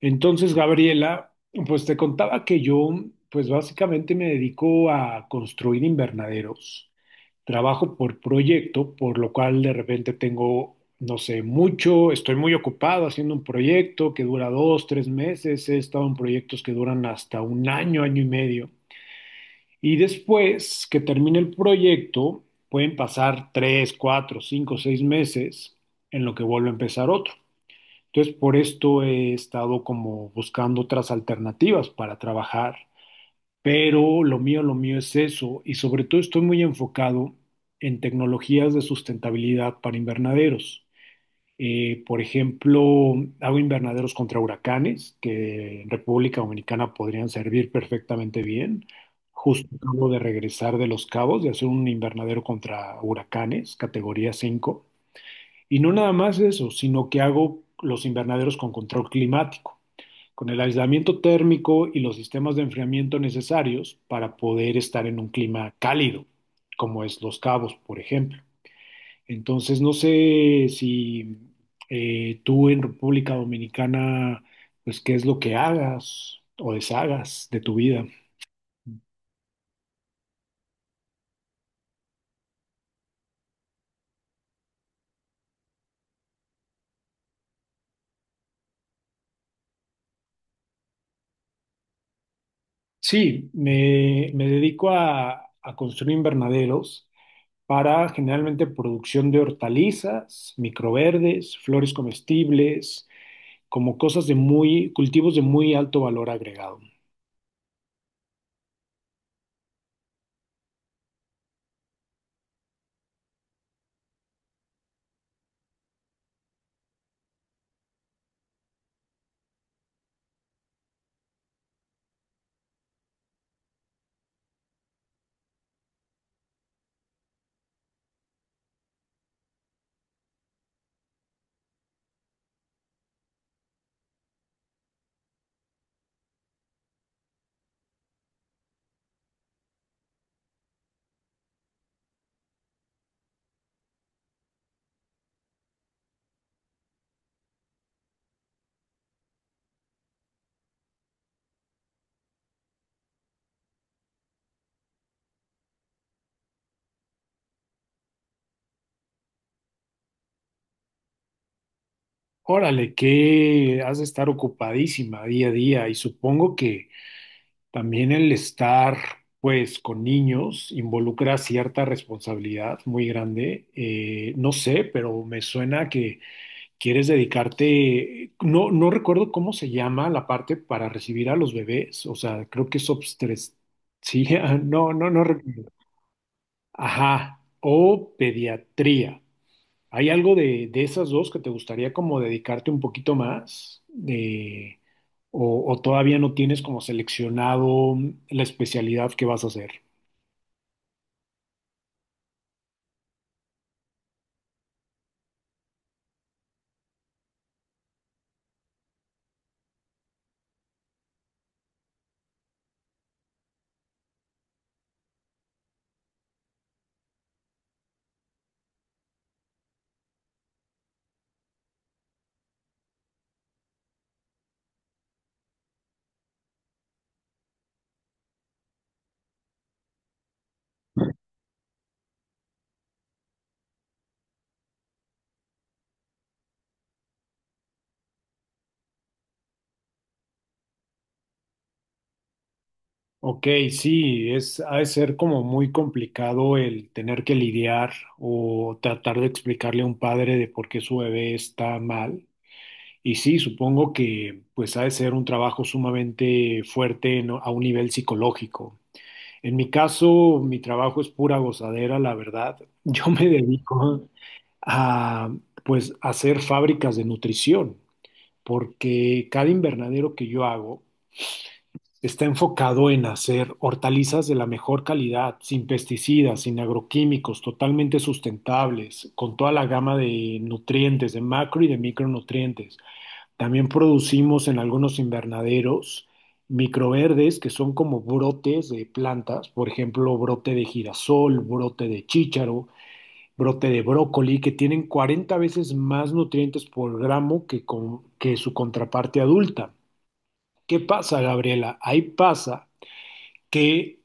Entonces, Gabriela, pues te contaba que yo, pues básicamente me dedico a construir invernaderos. Trabajo por proyecto, por lo cual de repente tengo, no sé, mucho, estoy muy ocupado haciendo un proyecto que dura 2, 3 meses. He estado en proyectos que duran hasta un año, año y medio. Y después que termine el proyecto, pueden pasar 3, 4, 5, 6 meses en lo que vuelvo a empezar otro. Entonces, por esto he estado como buscando otras alternativas para trabajar, pero lo mío es eso, y sobre todo estoy muy enfocado en tecnologías de sustentabilidad para invernaderos. Por ejemplo, hago invernaderos contra huracanes, que en República Dominicana podrían servir perfectamente bien. Justo acabo de regresar de Los Cabos, de hacer un invernadero contra huracanes, categoría 5. Y no nada más eso, sino que hago los invernaderos con control climático, con el aislamiento térmico y los sistemas de enfriamiento necesarios para poder estar en un clima cálido, como es Los Cabos, por ejemplo. Entonces, no sé si tú en República Dominicana, pues qué es lo que hagas o deshagas de tu vida. Sí, me dedico a construir invernaderos para generalmente producción de hortalizas, microverdes, flores comestibles, como cosas cultivos de muy alto valor agregado. Órale, que has de estar ocupadísima día a día y supongo que también el estar pues con niños involucra cierta responsabilidad muy grande. No sé, pero me suena que quieres dedicarte, no, no recuerdo cómo se llama la parte para recibir a los bebés, o sea, creo que es obstetricia, no, no, no recuerdo. Ajá, o pediatría. ¿Hay algo de esas dos que te gustaría como dedicarte un poquito más? ¿O todavía no tienes como seleccionado la especialidad que vas a hacer? Ok, sí, ha de ser como muy complicado el tener que lidiar o tratar de explicarle a un padre de por qué su bebé está mal. Y sí, supongo que pues ha de ser un trabajo sumamente fuerte a un nivel psicológico. En mi caso, mi trabajo es pura gozadera, la verdad. Yo me dedico a pues hacer fábricas de nutrición, porque cada invernadero que yo hago está enfocado en hacer hortalizas de la mejor calidad, sin pesticidas, sin agroquímicos, totalmente sustentables, con toda la gama de nutrientes, de macro y de micronutrientes. También producimos en algunos invernaderos microverdes, que son como brotes de plantas, por ejemplo, brote de girasol, brote de chícharo, brote de brócoli, que tienen 40 veces más nutrientes por gramo que su contraparte adulta. ¿Qué pasa, Gabriela? Ahí pasa que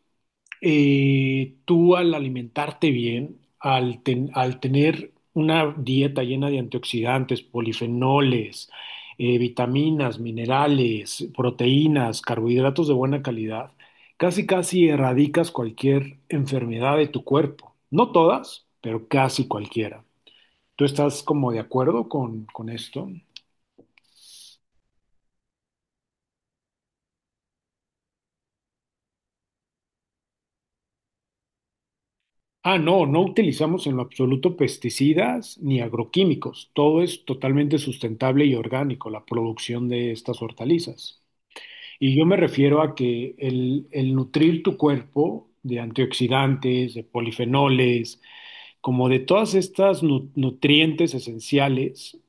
tú al alimentarte bien, al tener una dieta llena de antioxidantes, polifenoles, vitaminas, minerales, proteínas, carbohidratos de buena calidad, casi casi erradicas cualquier enfermedad de tu cuerpo. No todas, pero casi cualquiera. ¿Tú estás como de acuerdo con esto? Ah, no, no utilizamos en lo absoluto pesticidas ni agroquímicos. Todo es totalmente sustentable y orgánico, la producción de estas hortalizas. Y yo me refiero a que el nutrir tu cuerpo de antioxidantes, de polifenoles, como de todas estas nutrientes esenciales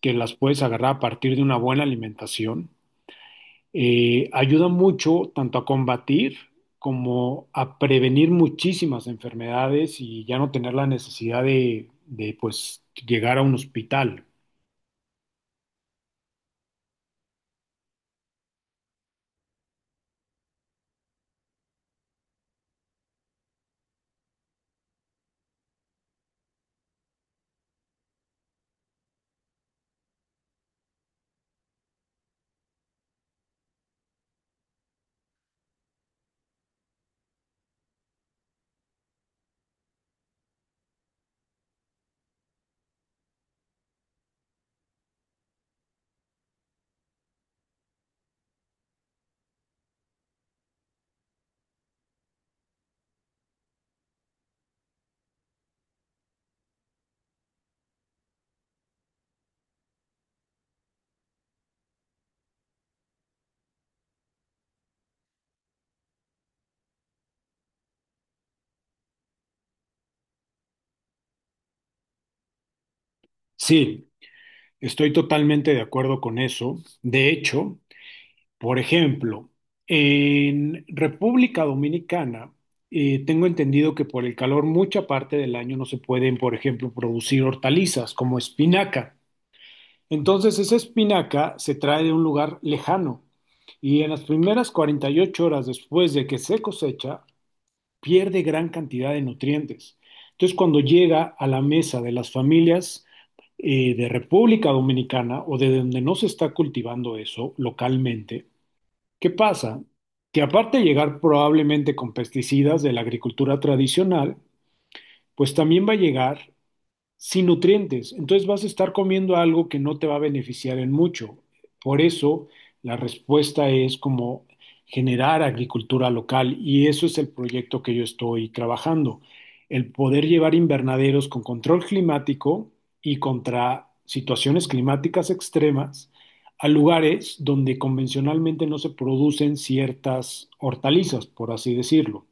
que las puedes agarrar a partir de una buena alimentación, ayuda mucho tanto a combatir como a prevenir muchísimas enfermedades y ya no tener la necesidad pues llegar a un hospital. Sí, estoy totalmente de acuerdo con eso. De hecho, por ejemplo, en República Dominicana, tengo entendido que por el calor mucha parte del año no se pueden, por ejemplo, producir hortalizas como espinaca. Entonces esa espinaca se trae de un lugar lejano y en las primeras 48 horas después de que se cosecha, pierde gran cantidad de nutrientes. Entonces cuando llega a la mesa de las familias de República Dominicana o de donde no se está cultivando eso localmente, ¿qué pasa? Que aparte de llegar probablemente con pesticidas de la agricultura tradicional, pues también va a llegar sin nutrientes. Entonces vas a estar comiendo algo que no te va a beneficiar en mucho. Por eso la respuesta es como generar agricultura local y eso es el proyecto que yo estoy trabajando. El poder llevar invernaderos con control climático y contra situaciones climáticas extremas a lugares donde convencionalmente no se producen ciertas hortalizas, por así decirlo.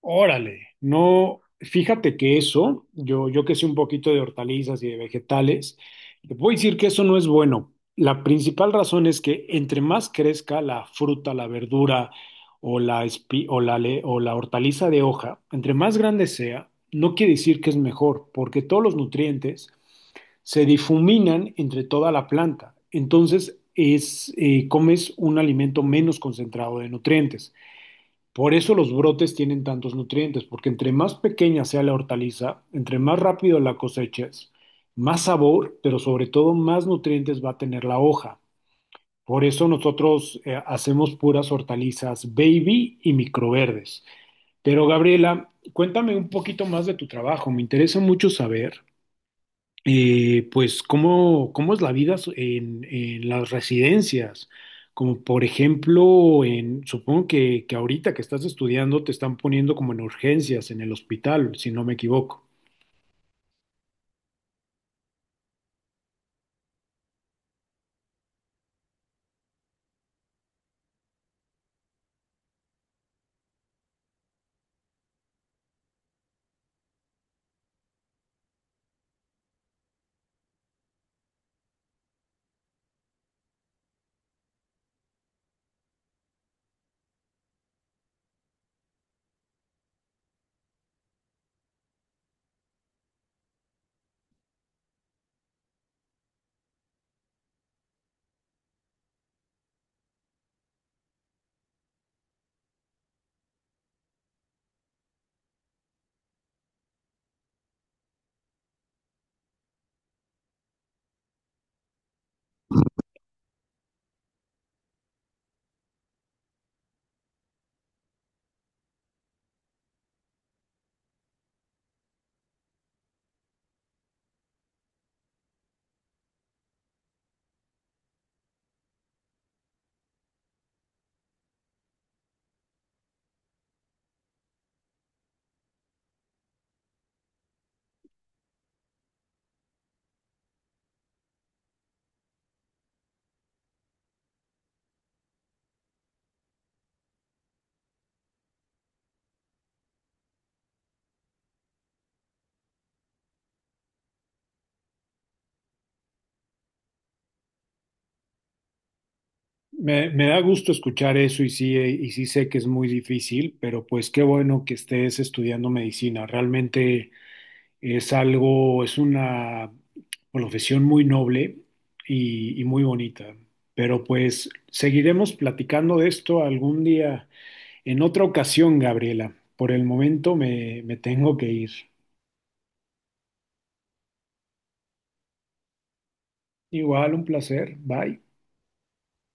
Órale, no, fíjate que eso, yo que sé un poquito de hortalizas y de vegetales, te puedo decir que eso no es bueno. La principal razón es que entre más crezca la fruta, la verdura o la, espi- o la, le- o la hortaliza de hoja, entre más grande sea, no quiere decir que es mejor, porque todos los nutrientes se difuminan entre toda la planta. Entonces, comes un alimento menos concentrado de nutrientes. Por eso los brotes tienen tantos nutrientes, porque entre más pequeña sea la hortaliza, entre más rápido la coseches, más sabor, pero sobre todo más nutrientes va a tener la hoja. Por eso nosotros hacemos puras hortalizas baby y microverdes. Pero Gabriela, cuéntame un poquito más de tu trabajo, me interesa mucho saber pues cómo, cómo es la vida en las residencias, como por ejemplo, supongo que ahorita que estás estudiando te están poniendo como en urgencias en el hospital, si no me equivoco. Me da gusto escuchar eso y sí sé que es muy difícil, pero pues qué bueno que estés estudiando medicina. Realmente es una profesión muy noble y muy bonita. Pero pues seguiremos platicando de esto algún día, en otra ocasión, Gabriela. Por el momento me tengo que ir. Igual, un placer. Bye.